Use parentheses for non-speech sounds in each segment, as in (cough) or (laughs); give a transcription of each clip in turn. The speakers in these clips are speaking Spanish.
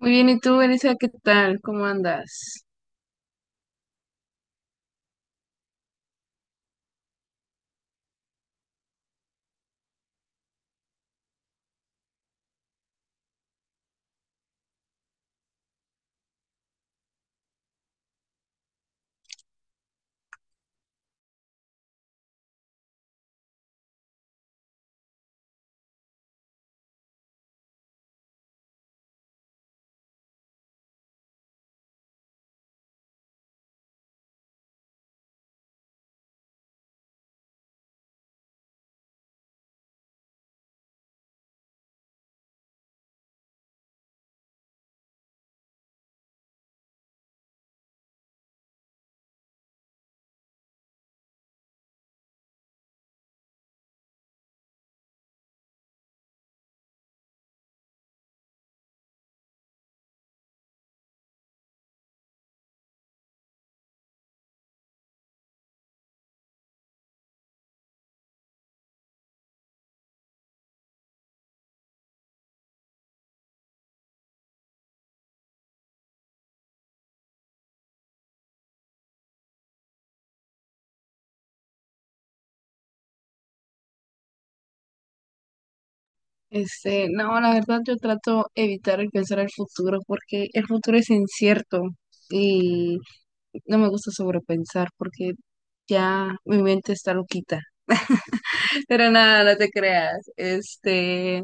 Muy bien, ¿y tú, Elisa, qué tal? ¿Cómo andas? No, la verdad yo trato evitar el pensar el futuro porque el futuro es incierto y no me gusta sobrepensar porque ya mi mente está loquita. (laughs) Pero nada, no te creas.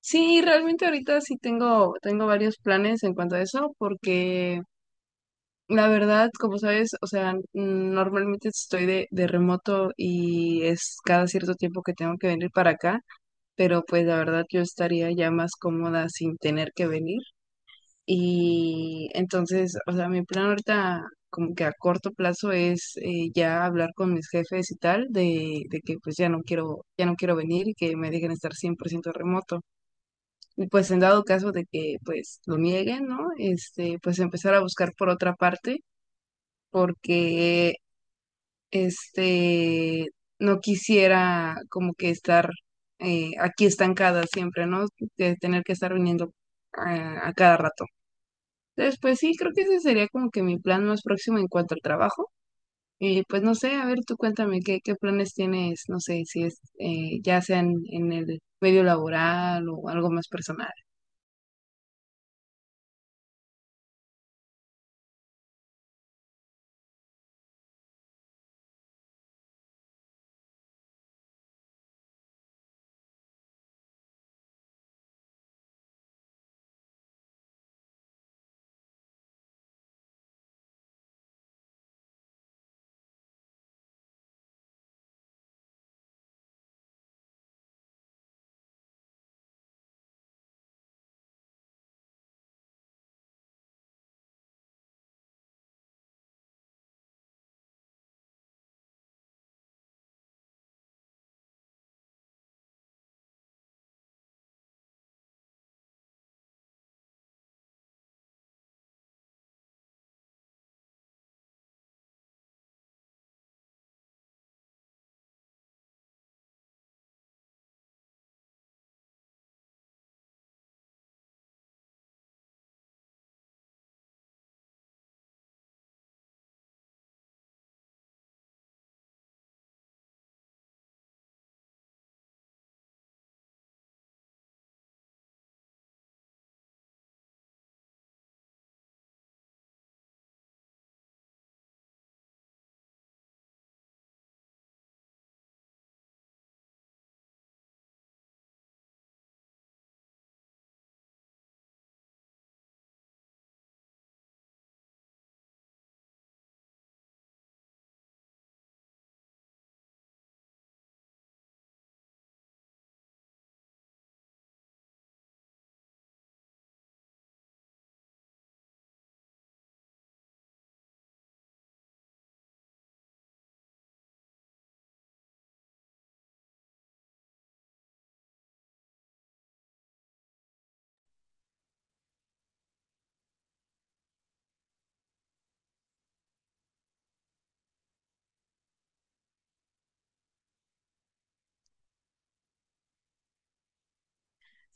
Sí, realmente ahorita sí tengo varios planes en cuanto a eso porque la verdad, como sabes, o sea, normalmente estoy de remoto y es cada cierto tiempo que tengo que venir para acá. Pero pues la verdad yo estaría ya más cómoda sin tener que venir. Y entonces, o sea, mi plan ahorita como que a corto plazo es ya hablar con mis jefes y tal de que pues ya no quiero venir y que me dejen estar 100% remoto. Y pues en dado caso de que pues lo nieguen, ¿no? Pues empezar a buscar por otra parte porque este, no quisiera como que estar aquí estancada siempre, ¿no? De tener que estar viniendo a cada rato. Entonces, pues sí, creo que ese sería como que mi plan más próximo en cuanto al trabajo. Y pues no sé, a ver, tú cuéntame qué planes tienes, no sé, si es ya sea en el medio laboral o algo más personal.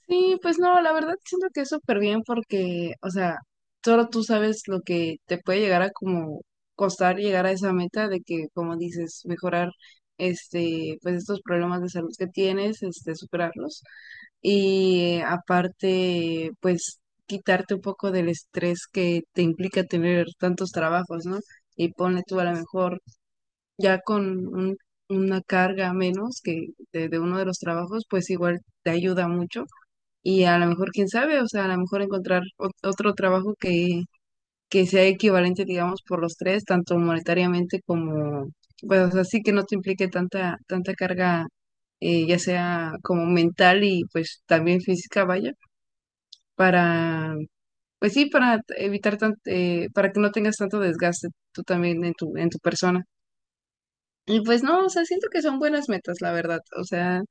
Sí, pues no, la verdad siento que es súper bien porque, o sea, solo tú sabes lo que te puede llegar a como costar llegar a esa meta de que, como dices, mejorar pues estos problemas de salud que tienes, este, superarlos. Y aparte, pues quitarte un poco del estrés que te implica tener tantos trabajos, ¿no? Y pone tú a lo mejor ya con un- una carga menos que de uno de los trabajos, pues igual te ayuda mucho y a lo mejor, quién sabe, o sea, a lo mejor encontrar otro trabajo que sea equivalente, digamos, por los tres, tanto monetariamente como, pues, o sea, sí que no te implique tanta carga, ya sea como mental y pues también física, vaya, para, pues sí, para evitar para que no tengas tanto desgaste tú también en en tu persona. Y pues no, o sea, siento que son buenas metas, la verdad, o sea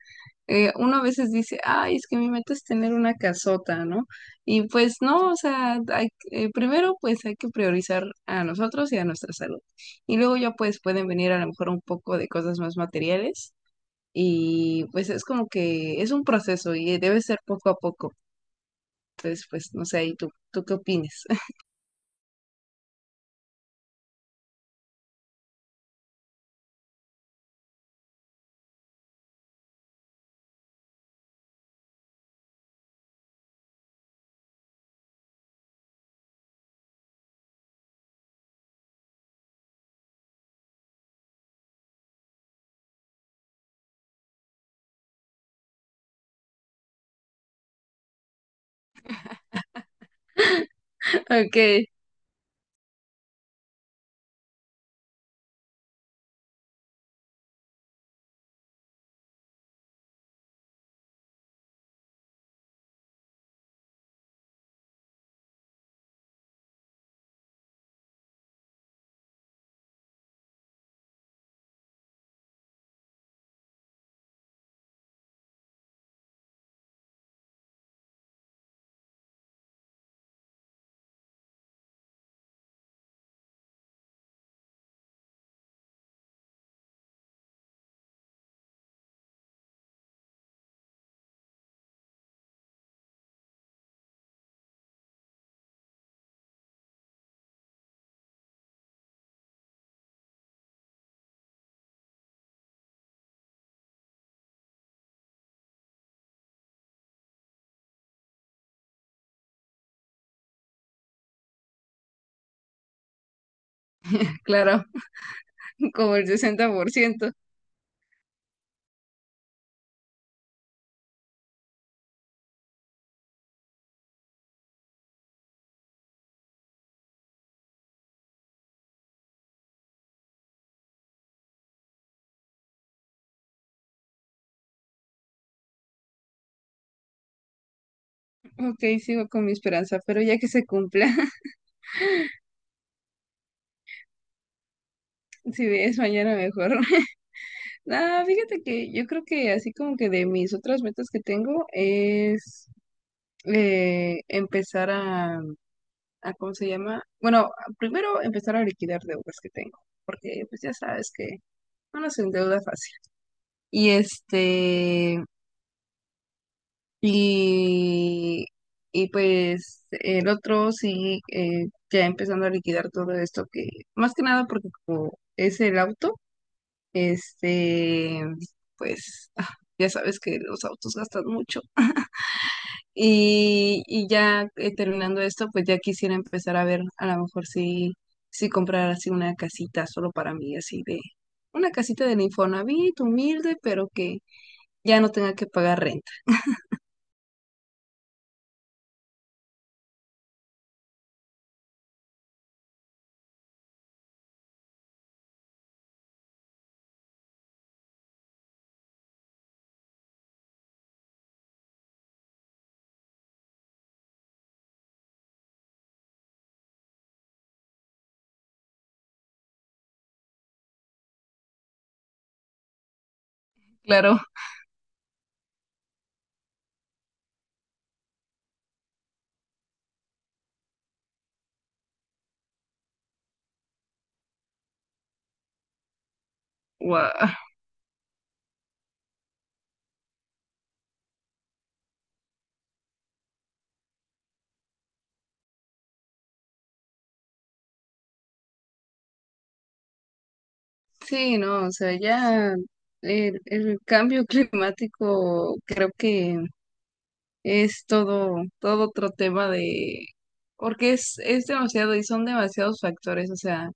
uno a veces dice, ay, es que mi meta es tener una casota, ¿no? Y pues no, o sea, primero pues hay que priorizar a nosotros y a nuestra salud. Y luego ya pues pueden venir a lo mejor un poco de cosas más materiales y pues es como que es un proceso y debe ser poco a poco. Entonces, pues no sé, ahí tú, ¿tú qué opinas? (laughs) Ok, claro, (laughs) como el 60%. Ok, sigo con mi esperanza, pero ya que se cumpla. (laughs) Si es mañana mejor. Ah, fíjate que yo creo que así como que de mis otras metas que tengo es empezar a, ¿cómo se llama? Bueno, primero empezar a liquidar deudas que tengo, porque pues ya sabes que uno se endeuda fácil. Y este, y, y pues el otro sí, ya empezando a liquidar todo esto que, más que nada porque como es el auto. Este, pues ah, ya sabes que los autos gastan mucho. Y ya terminando esto, pues ya quisiera empezar a ver a lo mejor si, si comprar así una casita solo para mí, así de una casita del Infonavit, humilde, pero que ya no tenga que pagar renta. Claro, guau. Sí, no, o sea, ya el cambio (laughs) climático creo que es todo otro tema de, porque es demasiado y son demasiados factores, o sea,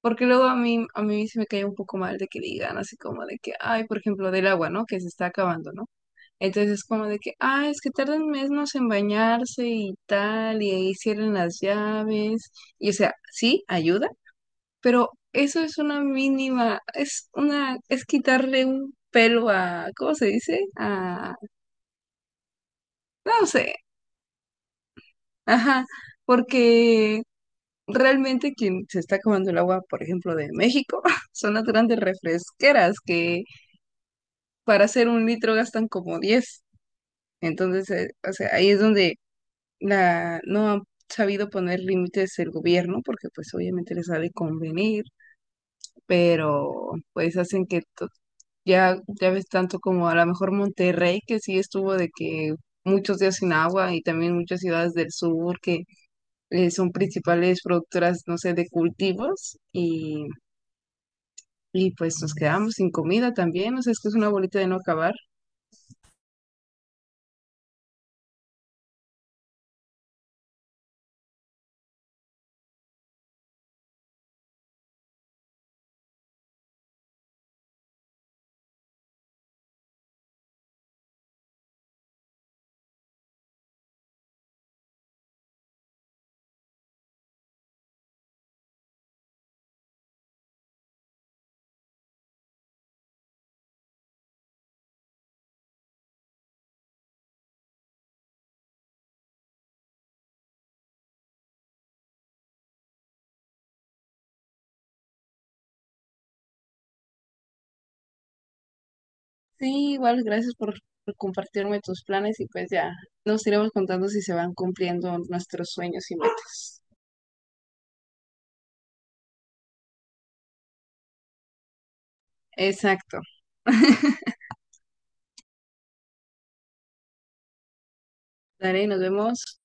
porque luego a mí se me cae un poco mal de que digan así como de que, ay, por ejemplo, del agua, ¿no? Que se está acabando, ¿no? Entonces es como de que, ay, es que tardan meses en bañarse y tal, y ahí cierran las llaves, y o sea, sí, ayuda pero eso es una mínima, es una, es quitarle un pelo a, ¿cómo se dice? A, no sé, ajá, porque realmente quien se está acabando el agua, por ejemplo, de México, (laughs) son las grandes refresqueras que para hacer un litro gastan como diez. Entonces, o sea, ahí es donde la, no han sabido poner límites el gobierno, porque pues obviamente les ha de convenir, pero pues hacen que ya, ya ves tanto como a lo mejor Monterrey, que sí estuvo de que muchos días sin agua y también muchas ciudades del sur que son principales productoras, no sé, de cultivos y pues nos quedamos sin comida también, o sea, es que es una bolita de no acabar. Sí, igual, gracias por compartirme tus planes y pues ya nos iremos contando si se van cumpliendo nuestros sueños y metas. Exacto. Dale, nos vemos.